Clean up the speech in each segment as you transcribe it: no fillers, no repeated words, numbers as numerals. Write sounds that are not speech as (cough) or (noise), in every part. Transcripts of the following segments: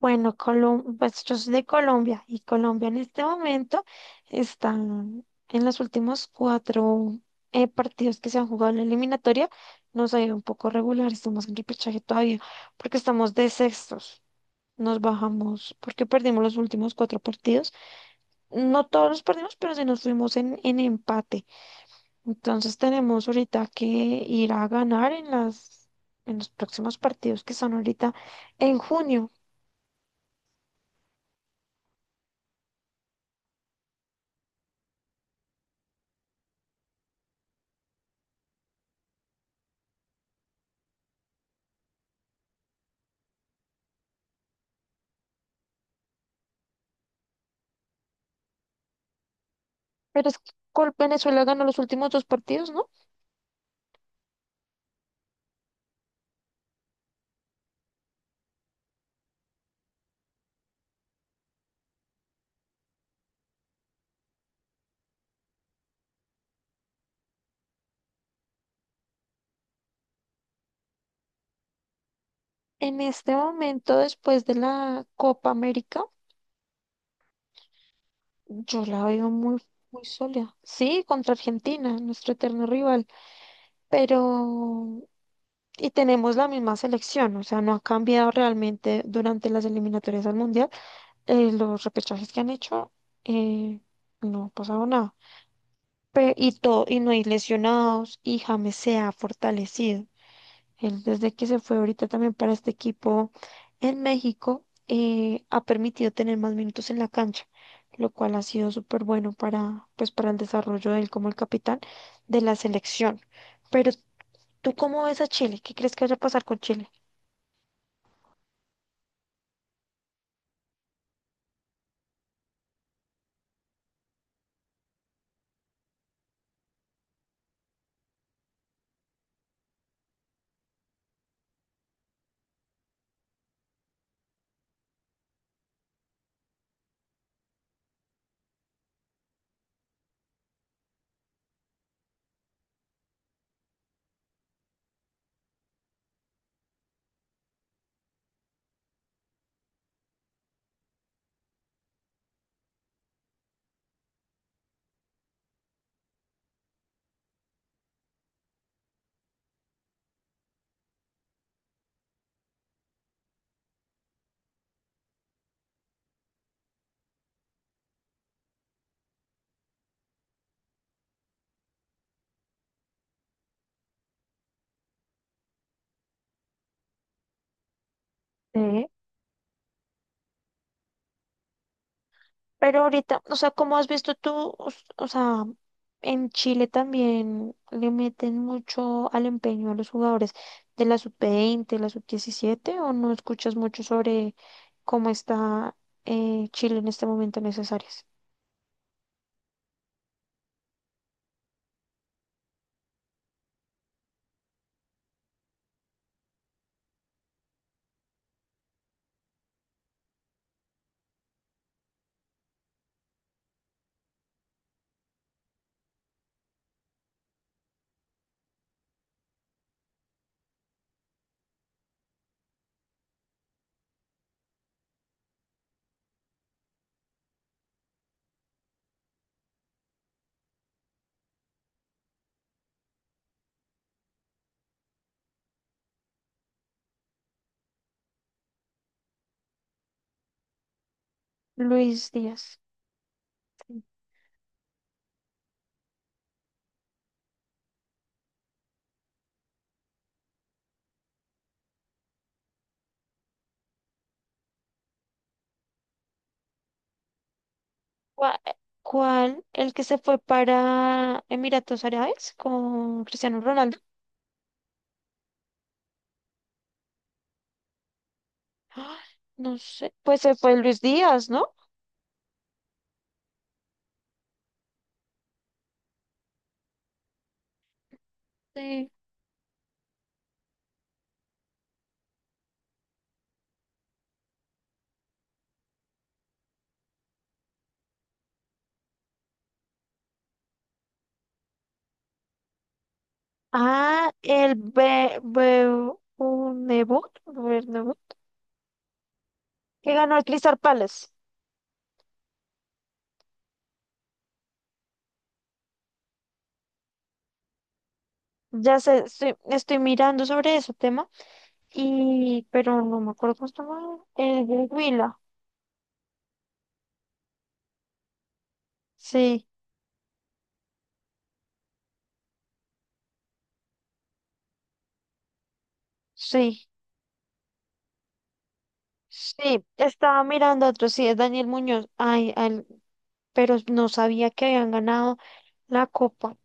Bueno, pues yo soy de Colombia y Colombia en este momento está en los últimos cuatro partidos que se han jugado en la eliminatoria. Nos ha ido un poco regular, estamos en repechaje todavía porque estamos de sextos. Nos bajamos porque perdimos los últimos cuatro partidos. No todos los perdimos, pero sí nos fuimos en empate. Entonces tenemos ahorita que ir a ganar en en los próximos partidos que son ahorita en junio. Pero es que Venezuela ganó los últimos dos partidos, ¿no? En este momento, después de la Copa América, yo la veo muy sólida. Sí, contra Argentina, nuestro eterno rival, pero... Y tenemos la misma selección, o sea, no ha cambiado realmente durante las eliminatorias al Mundial. Los repechajes que han hecho, eh, no ha pasado nada. Y no hay lesionados, y James se ha fortalecido. Él desde que se fue ahorita también para este equipo en México, ha permitido tener más minutos en la cancha, lo cual ha sido súper bueno para, pues, para el desarrollo de él como el capitán de la selección. Pero, ¿tú cómo ves a Chile? ¿Qué crees que vaya a pasar con Chile? Sí. Pero ahorita, o sea, como has visto tú, o sea, en Chile también le meten mucho al empeño a los jugadores de la sub-20, la sub-17, o no escuchas mucho sobre cómo está Chile en este momento en esas áreas. Luis Díaz, ¿cuál, ¿cuál el que se fue para Emiratos Árabes con Cristiano Ronaldo? (gasps) Ah, no sé, pues se fue Luis Díaz, ¿no? Sí. Ah, el Be Bernabéu, Bernabéu que ganó el Crystal Palace. Ya sé, estoy mirando sobre ese tema, y, pero no me acuerdo cómo se llama. El del Huila. Sí, sí, sí. Estaba mirando otro, sí, es Daniel Muñoz. Pero no sabía que habían ganado la copa.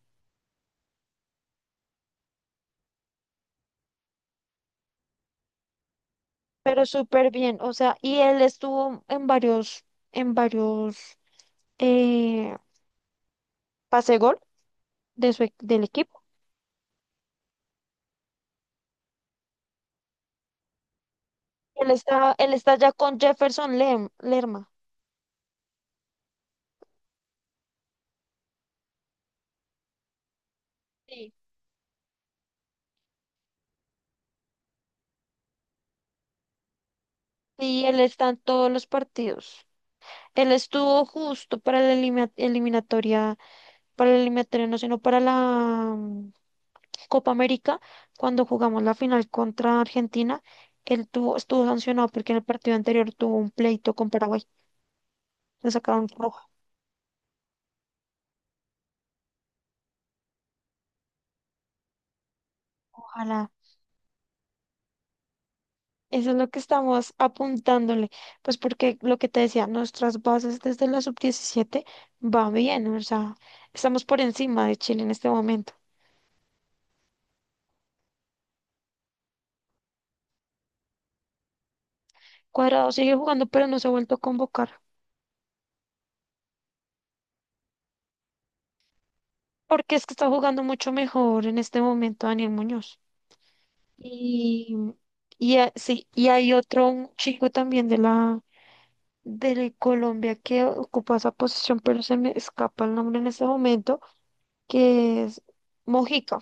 Pero súper bien, o sea, y él estuvo en varios, eh, pase gol de del equipo. Él está ya con Jefferson Lerma. Sí. Sí, él está en todos los partidos. Él estuvo justo para la eliminatoria, para la eliminatoria, no, sino para la Copa América, cuando jugamos la final contra Argentina. Estuvo sancionado porque en el partido anterior tuvo un pleito con Paraguay. Le sacaron roja. Ojalá. Eso es lo que estamos apuntándole, pues porque lo que te decía, nuestras bases desde la sub-17 va bien, o sea, estamos por encima de Chile en este momento. Cuadrado sigue jugando, pero no se ha vuelto a convocar, porque es que está jugando mucho mejor en este momento Daniel Muñoz. Y, sí, y hay otro un chico también de la de Colombia que ocupa esa posición, pero se me escapa el nombre en este momento, que es Mojica.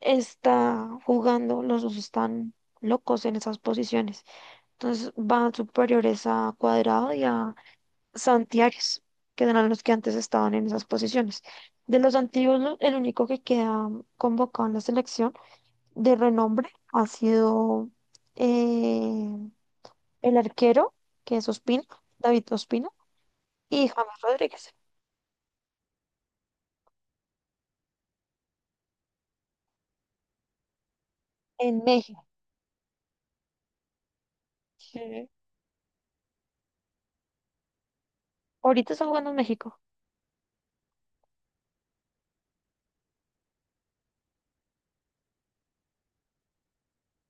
Está jugando, los dos están locos en esas posiciones. Entonces van superiores a Cuadrado y a Santiares, que eran los que antes estaban en esas posiciones. De los antiguos, el único que queda convocado en la selección de renombre ha sido eh, el arquero, que es Ospina, David Ospina, y James Rodríguez en México. Sí. Ahorita está jugando en México.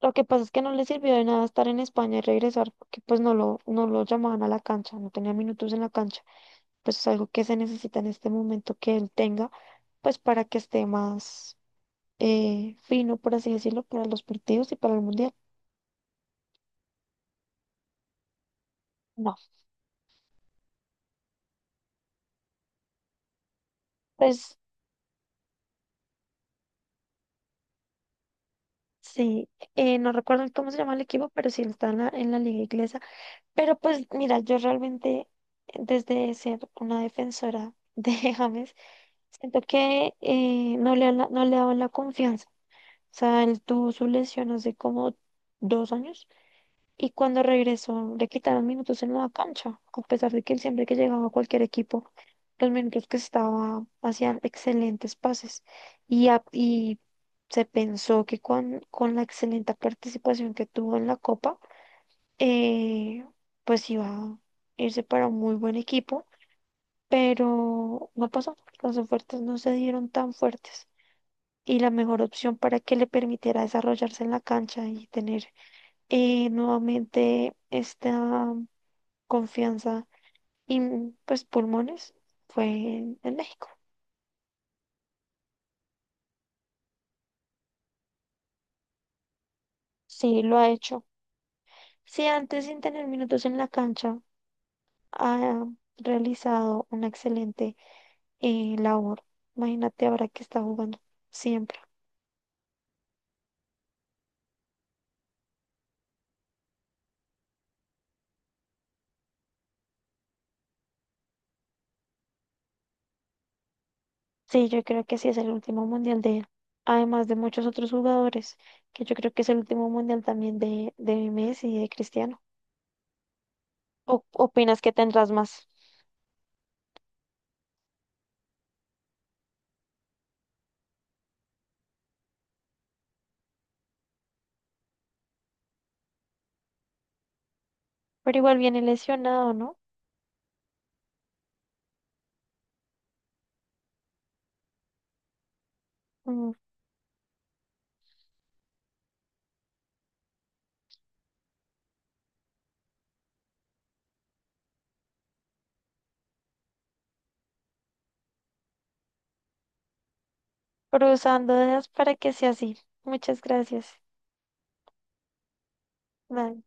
Lo que pasa es que no le sirvió de nada estar en España y regresar porque pues no lo llamaban a la cancha, no tenía minutos en la cancha. Pues es algo que se necesita en este momento que él tenga, pues para que esté más fino, por así decirlo, para los partidos y para el Mundial. No, pues sí, no recuerdo cómo se llama el equipo, pero sí está en en la liga inglesa. Pero pues mira, yo realmente desde ser una defensora de (laughs) James, siento que no le no le daban la confianza sea, él tuvo su lesión hace como 2 años y cuando regresó le quitaron minutos en la cancha, a pesar de que él siempre que llegaba a cualquier equipo, los minutos que estaba hacían excelentes pases y se pensó que con la excelente participación que tuvo en la Copa, eh, pues iba a irse para un muy buen equipo, pero no pasó, las ofertas no se dieron tan fuertes y la mejor opción para que le permitiera desarrollarse en la cancha y tener nuevamente esta confianza y pues pulmones fue en México. Sí, lo ha hecho. Si antes sin tener minutos en la cancha ha realizado una excelente labor, imagínate ahora que está jugando siempre. Sí, yo creo que sí es el último mundial de él. Además de muchos otros jugadores, que yo creo que es el último mundial también de Messi y de Cristiano. ¿O opinas que tendrás más? Pero igual viene lesionado, ¿no? Mm, cruzándolas para que sea así. Muchas gracias. Bye.